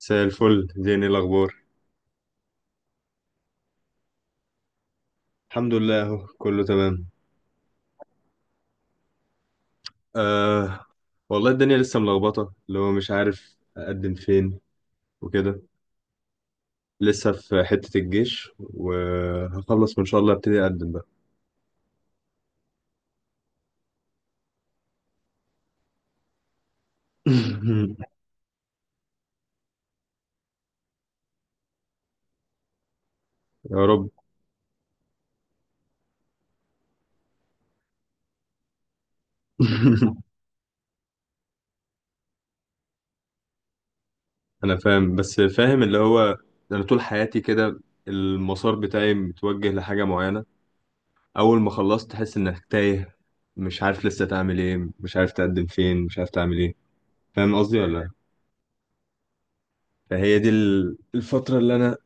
مساء الفل زيني الأخبار. الحمد لله أهو كله تمام. آه. والله الدنيا لسه ملخبطة اللي هو مش عارف أقدم فين وكده. لسه في حتة الجيش وهخلص وإن شاء الله أبتدي أقدم بقى. يا رب. أنا فاهم، بس فاهم اللي هو أنا طول حياتي كده، المسار بتاعي متوجه لحاجة معينة. أول ما خلصت تحس إنك تايه، مش عارف لسه تعمل إيه، مش عارف تقدم فين، مش عارف تعمل إيه. فاهم قصدي ولا لأ؟ فهي دي الفترة اللي أنا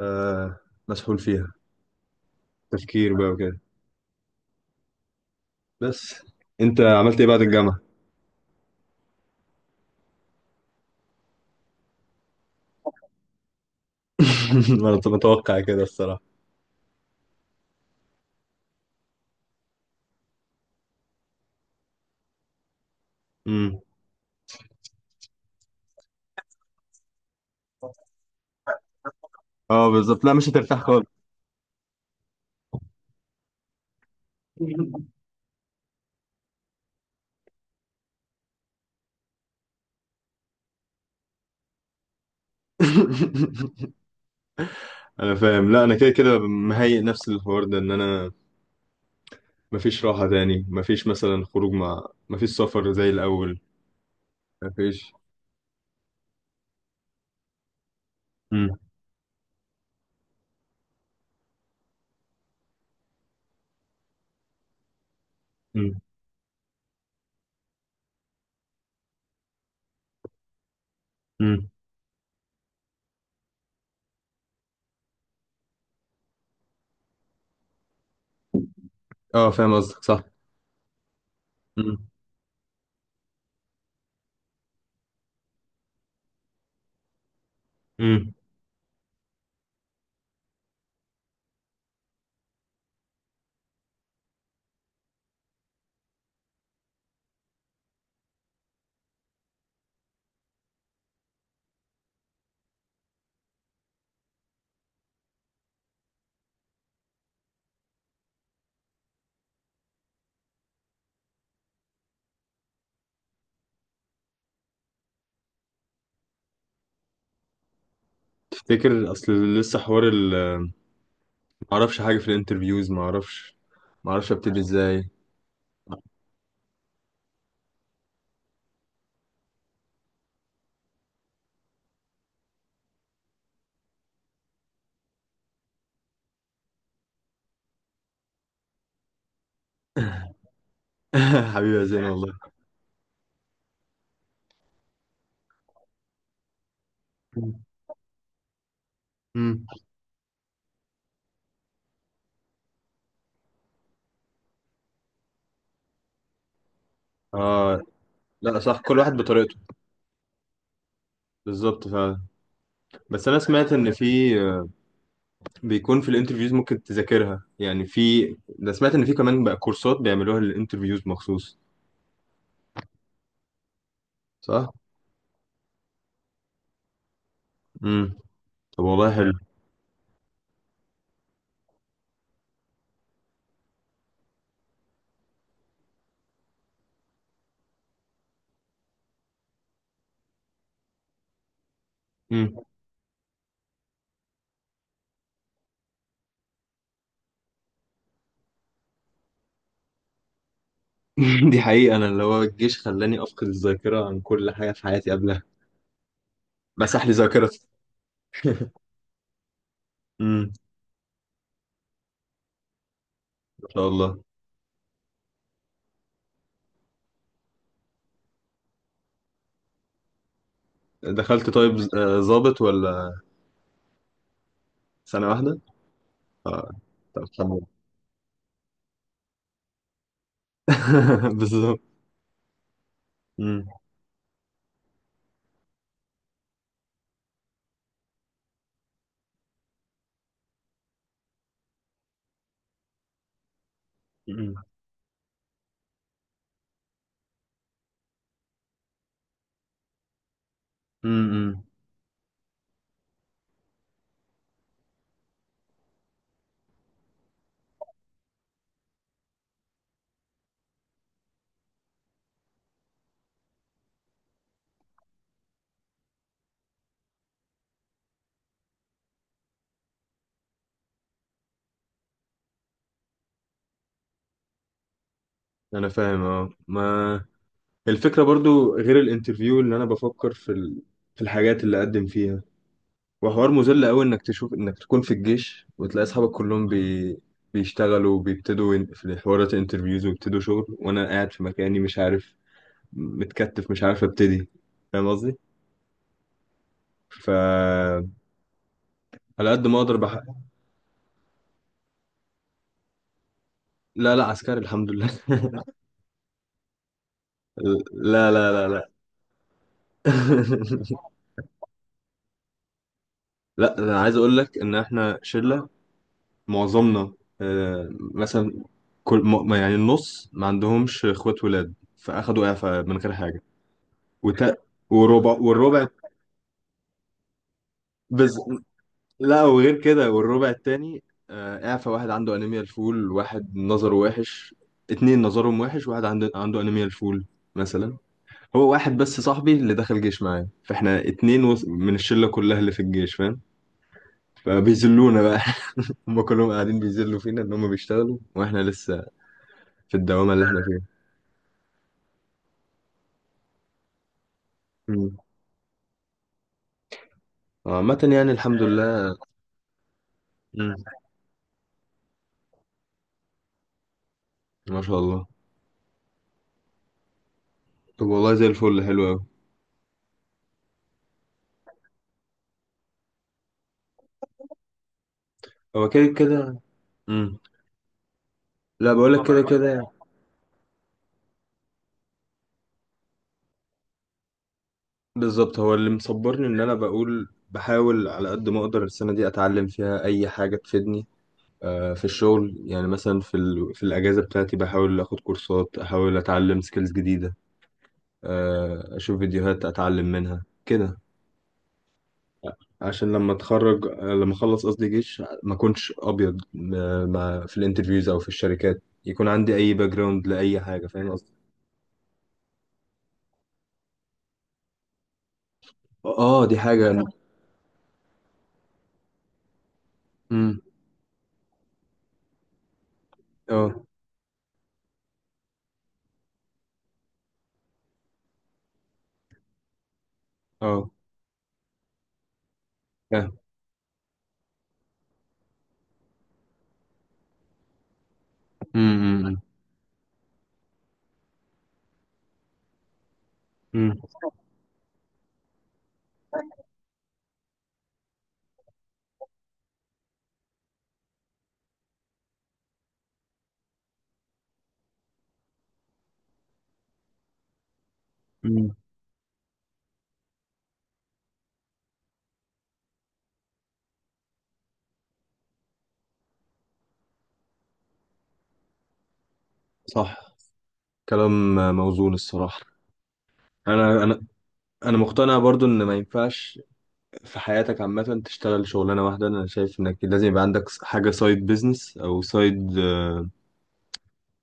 آه مسحول فيها. تفكير بقى وكده. بس انت عملت ايه بعد الجامعة؟ انا كنت متوقع كده الصراحة. امم. اه بالظبط، لا مش هترتاح خالص. انا فاهم. لا انا كده كده مهيئ نفسي للحوار ده، ان انا مفيش راحة تاني، مفيش مثلا خروج مع، مفيش سفر زي الاول. مفيش. امم، امم، امم. اه فاهم قصدك صح. امم، امم. تفتكر اصل لسه حوار معرفش حاجة في الانترفيوز، معرفش، معرفش ابتدي ازاي. حبيبي يا زين والله. امم. اه، لا صح، كل واحد بطريقته. بالظبط فعلا. بس انا سمعت ان في، آه، بيكون في الانترفيوز ممكن تذاكرها، يعني في ده، سمعت ان في كمان بقى كورسات بيعملوها للانترفيوز مخصوص. صح. امم. طب والله حلو. امم. دي حقيقة، انا اللي هو الجيش خلاني افقد الذاكرة عن كل حاجة في حياتي قبلها. مسح لي ذاكرتي. امم. ما شاء الله. دخلت طيب ضابط ولا؟ سنة واحدة. اه. طب الحمد لله. بالظبط. امم، امم. انا فاهم. اه، ما الفكره برضو غير الانترفيو اللي انا بفكر في في الحاجات اللي اقدم فيها. وحوار مذل قوي، انك تشوف انك تكون في الجيش وتلاقي اصحابك كلهم بيشتغلوا وبيبتدوا في حوارات انترفيوز، ويبتدوا شغل، وانا قاعد في مكاني مش عارف، متكتف مش عارف ابتدي. فاهم قصدي. ف على قد ما اقدر لا لا، عسكري الحمد لله. لا لا لا لا. لا، انا عايز اقول لك ان احنا شله معظمنا. مثلا كل يعني النص ما عندهمش اخوات ولاد، فاخدوا اعفاء من غير حاجه. وت... وربع، والربع بز... لا وغير كده، والربع التاني اعفاء. واحد عنده انيميا الفول، واحد نظره وحش، اتنين نظرهم وحش، واحد عنده انيميا الفول مثلا. هو واحد بس صاحبي اللي دخل جيش معايا، فاحنا اتنين من الشله كلها اللي في الجيش، فاهم. فبيذلونا بقى. هم كلهم قاعدين بيذلوا فينا ان هم بيشتغلوا واحنا لسه في الدوامه اللي احنا فيها. عامة يعني الحمد لله. مم. ما شاء الله. طب والله زي الفل، حلو أوي. هو كده كده. مم. لا بقولك كده كده. بالظبط، هو اللي مصبرني إن أنا بقول بحاول على قد ما أقدر السنة دي أتعلم فيها أي حاجة تفيدني، في الشغل يعني. مثلا في في الأجازة بتاعتي بحاول آخد كورسات، أحاول أتعلم سكيلز جديدة، أشوف فيديوهات أتعلم منها كده، عشان لما اتخرج، لما اخلص قصدي جيش، ما اكونش ابيض في الانترفيوز او في الشركات، يكون عندي اي باك جراوند لاي حاجه. فاهم قصدي. اه دي حاجه انا. امم. اه. اه فاهم. امم، امم. أمم. صح. كلام موزون الصراحه. انا انا انا مقتنع برضو ان ما ينفعش في حياتك عامه تشتغل شغلانه واحده. انا شايف انك لازم يبقى عندك حاجه سايد بيزنس، او سايد،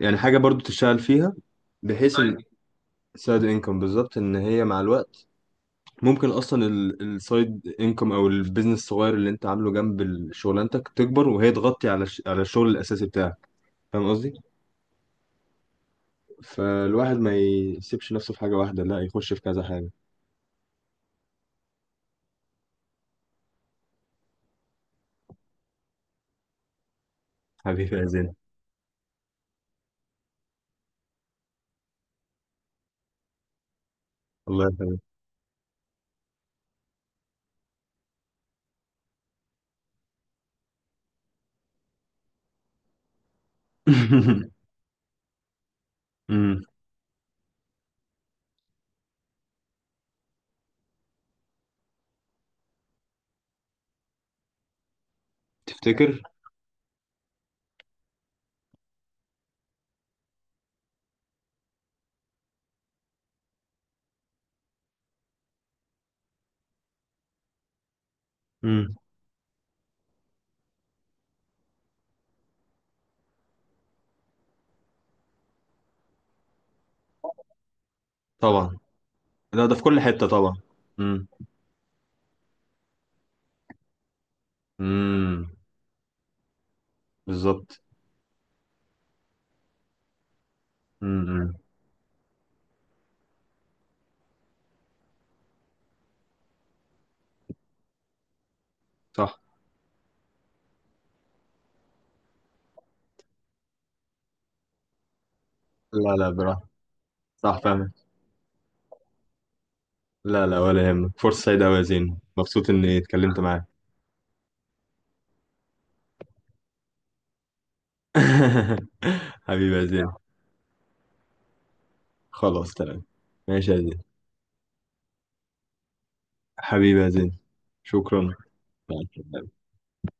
يعني حاجه برضو تشتغل فيها. بحيث ان سايد انكم، بالظبط، ان هي مع الوقت ممكن اصلا السايد انكم او البيزنس الصغير اللي انت عامله جنب شغلانتك، تكبر وهي تغطي على على الشغل الاساسي بتاعك. فاهم قصدي. فالواحد ما يسيبش نفسه في حاجه واحده، لا يخش في كذا حاجه. حبيبي يا زين. الله يخليك. امم. تفتكر. امم. طبعا. لا ده في كل حته طبعا. امم، امم، بالظبط، امم. صح. لا لا، براحة. صح فاهم. لا لا، ولا يهمك. فرصه سعيده أوي يا زين، مبسوط اني اتكلمت معاك. حبيبي يا زين. خلاص تمام. ماشي يا زين. حبيبي يا زين. شكرا. مع السلامة.